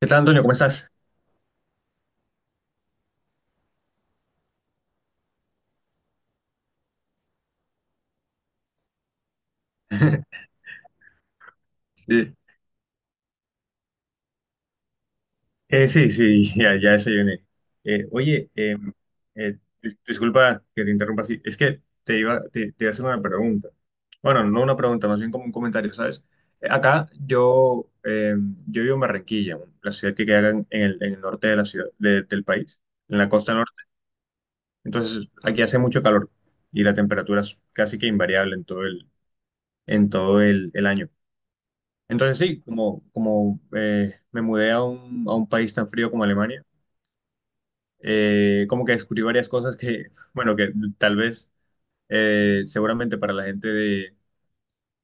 ¿Qué tal, Antonio? ¿Cómo estás? Sí. Sí, sí, ya desayuné. Eh, oye, eh, disculpa que te interrumpa así. Es que te iba, te iba a hacer una pregunta. Bueno, no una pregunta, más bien como un comentario, ¿sabes? Acá yo, yo vivo en Barranquilla, la ciudad que queda en el, en el norte de la ciudad, del país, en la costa norte. Entonces, aquí hace mucho calor y la temperatura es casi que invariable en todo en todo el año. Entonces sí, como me mudé a a un país tan frío como Alemania, como que descubrí varias cosas que, bueno, que tal vez seguramente para la gente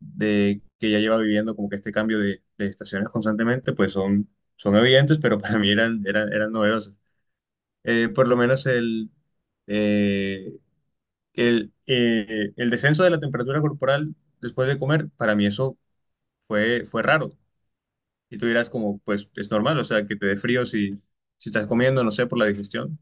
de que ya lleva viviendo como que este cambio de estaciones constantemente, pues son, son evidentes, pero para mí eran novedosas. Por lo menos eh, el descenso de la temperatura corporal después de comer, para mí eso fue, fue raro. Y tú dirás como, pues es normal, o sea, que te dé frío si, si estás comiendo, no sé, por la digestión.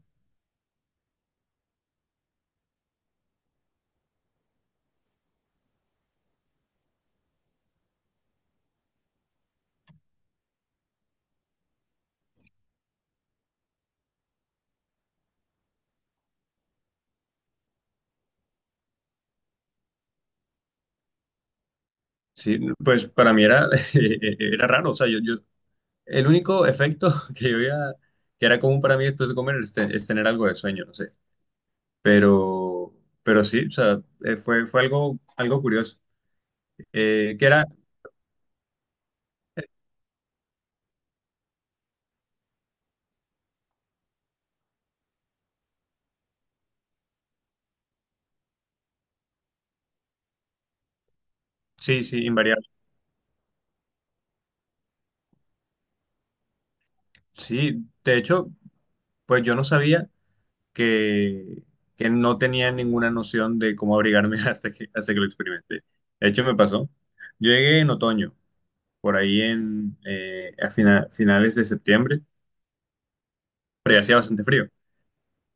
Sí, pues para mí era, era raro, o sea, yo, el único efecto que yo veía que era común para mí después de comer es, es tener algo de sueño, no sé. Pero, pero sí, o sea, fue, fue algo, algo curioso, eh, que era, sí, sí, invariable. Sí, de hecho, pues yo no sabía, que, que no tenía ninguna noción de cómo abrigarme hasta que lo experimenté. De hecho, me pasó. Yo llegué en otoño, por ahí finales de septiembre, pero ya hacía bastante frío.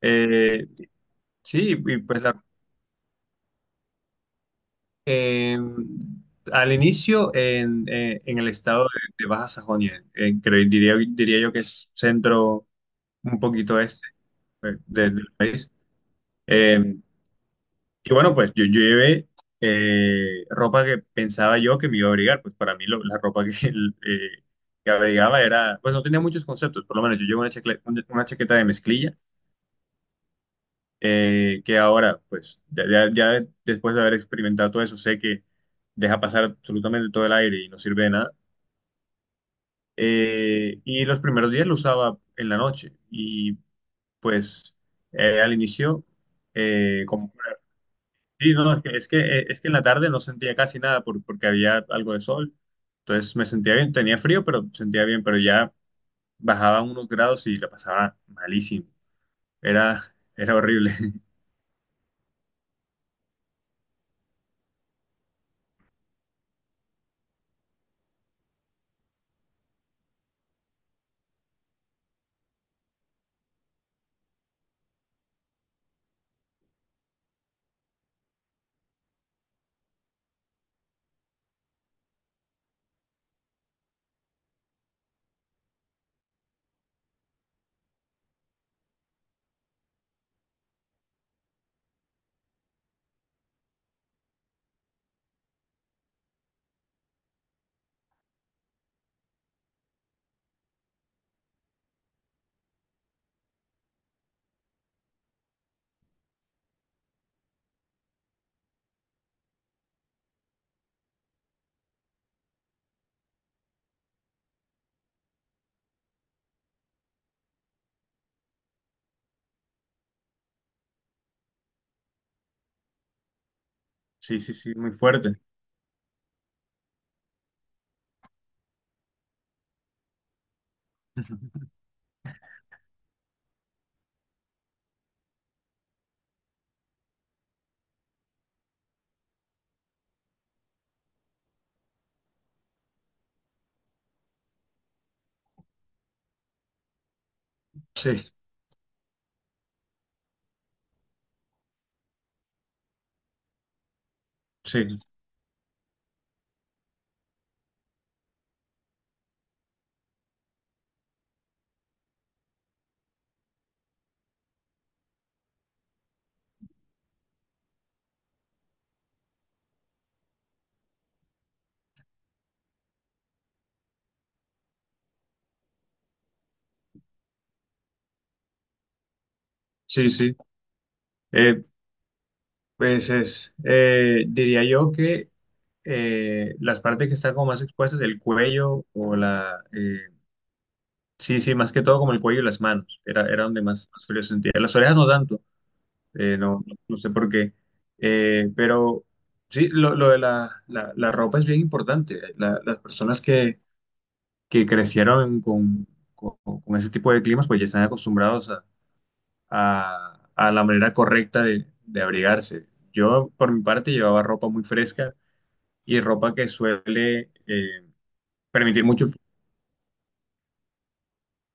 Eh, sí, y pues en- al inicio en el estado de Baja Sajonia, diría, diría yo que es centro un poquito este del país. em, Y bueno, pues yo llevé ropa que pensaba yo que me iba a abrigar. Pues para mí la ropa que, eh, que abrigaba era, pues no tenía muchos conceptos, por lo menos yo llevo una chaqueta de mezclilla, que ahora, pues ya después de haber experimentado todo eso, sé que deja pasar absolutamente todo el aire y no sirve de nada. Y los primeros días lo usaba en la noche y pues al inicio... eh, Sí, no, es que, es que en la tarde no sentía casi nada porque había algo de sol. Entonces me sentía bien, tenía frío, pero sentía bien, pero ya bajaba unos grados y la pasaba malísimo. Era, era horrible. Sí, sí, sí, muy fuerte. Sí, sí, sí, sí. Eh, pues es, diría yo que las partes que están como más expuestas, el cuello o la... sí, sí, más que todo como el cuello y las manos. Era, era donde más, más frío sentía. Las orejas no tanto. No sé por qué. Pero sí, lo de la ropa es bien importante. Las personas que crecieron con, con ese tipo de climas, pues ya están acostumbrados a la manera correcta de abrigarse. Yo, por mi parte, llevaba ropa muy fresca y ropa que suele permitir mucho flujo.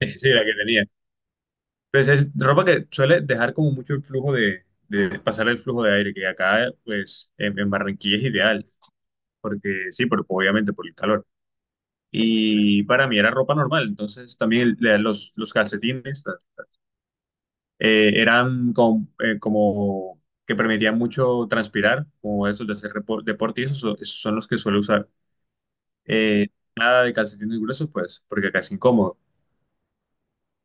Sí, la que tenía. Pues es ropa que suele dejar como mucho el flujo de pasar el flujo de aire, que acá, pues, en Barranquilla es ideal porque sí, obviamente por el calor. Y para mí era ropa normal, entonces también los calcetines eran como que permitían mucho transpirar, como esos de hacer deporte, y esos son los que suelo usar. Eh, Nada de calcetines gruesos, pues, porque acá es incómodo.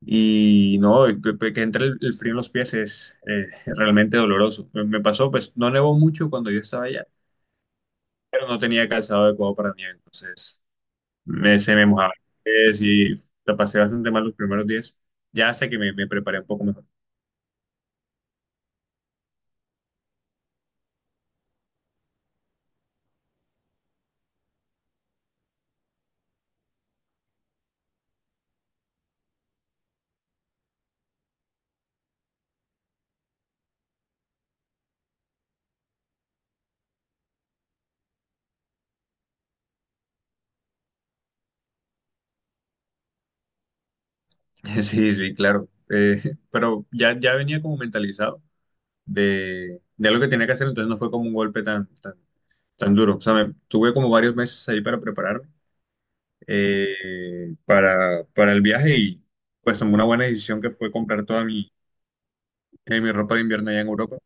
Y no, que, que entre el frío en los pies es realmente doloroso. Me pasó, pues, no nevó mucho cuando yo estaba allá, pero no tenía calzado adecuado para nieve, entonces. Me, se me mojaba el pies y la pasé bastante mal los primeros días. Ya hasta que me preparé un poco mejor. Sí, sí, claro. Pero ya, ya venía como mentalizado de lo que tenía que hacer, entonces no fue como un golpe tan, tan, tan duro. O sea, tuve como varios meses ahí para prepararme para el viaje y pues tomé una buena decisión que fue comprar toda mi, mi ropa de invierno allá en Europa.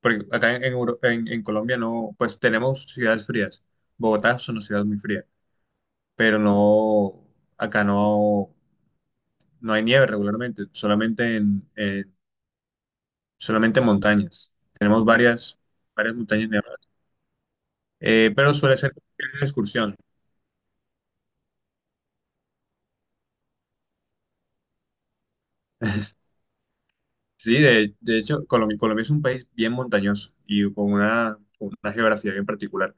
Porque acá en, Euro- en Colombia no, pues tenemos ciudades frías. Bogotá es una ciudad muy fría, pero no, acá no, no hay nieve regularmente, solamente solamente en montañas. Tenemos varias, varias montañas nevadas. Pero suele ser una excursión. Sí, de hecho, Colombia, Colombia es un país bien montañoso y con una geografía bien particular.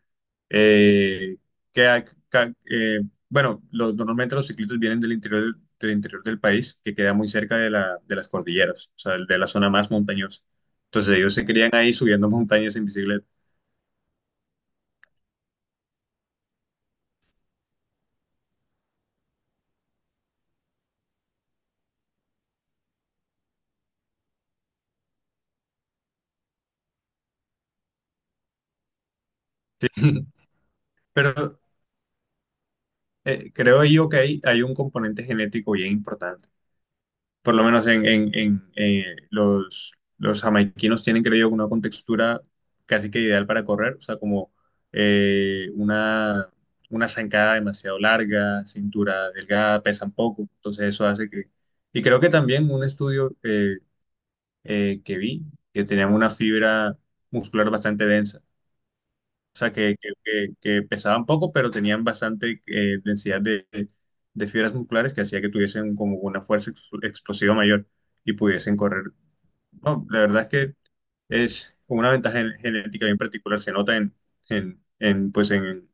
Eh, que, ha- ca- eh, bueno, normalmente los ciclistas vienen del interior del país, que queda muy cerca de las cordilleras, o sea, de la zona más montañosa. Entonces ellos se crían ahí subiendo montañas en bicicleta. Sí, pero creo yo que hay un componente genético bien importante. Por lo menos los, los jamaiquinos tienen, creo yo, una contextura casi que ideal para correr, o sea, como eh, una, una zancada demasiado larga, cintura delgada, pesan poco, entonces eso hace que... Y creo que también un estudio que vi, que tenían una fibra muscular bastante densa. O sea, que pesaban poco, pero tenían bastante densidad de fibras musculares que hacía que tuviesen como una fuerza explosiva mayor y pudiesen correr. No, la verdad es que es una ventaja genética bien particular, se nota pues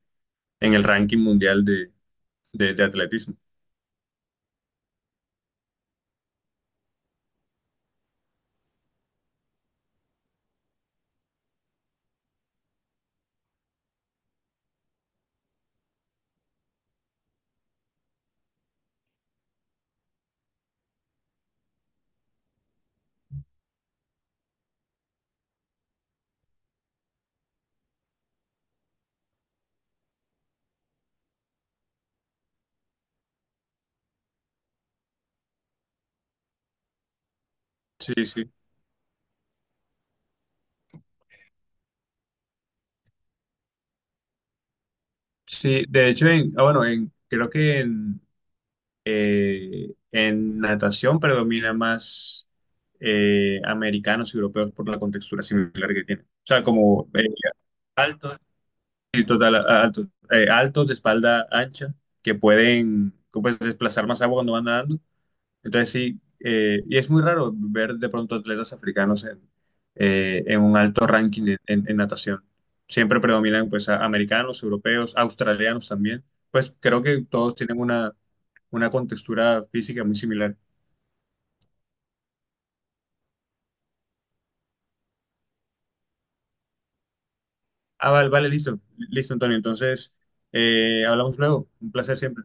en el ranking mundial de atletismo. Sí, sí. Sí, de hecho, bueno, creo que en natación predomina más americanos y europeos por la contextura similar que tienen. O sea, como altos, y total, altos, altos de espalda ancha, que pueden como pues, desplazar más agua cuando van nadando. Entonces sí, y es muy raro ver de pronto atletas africanos en un alto ranking en natación. Siempre predominan pues americanos, europeos, australianos también. Pues creo que todos tienen una contextura física muy similar. Ah, vale, vale, listo, listo, Antonio. Entonces, hablamos luego. Un placer siempre.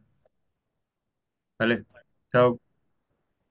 Vale, chao.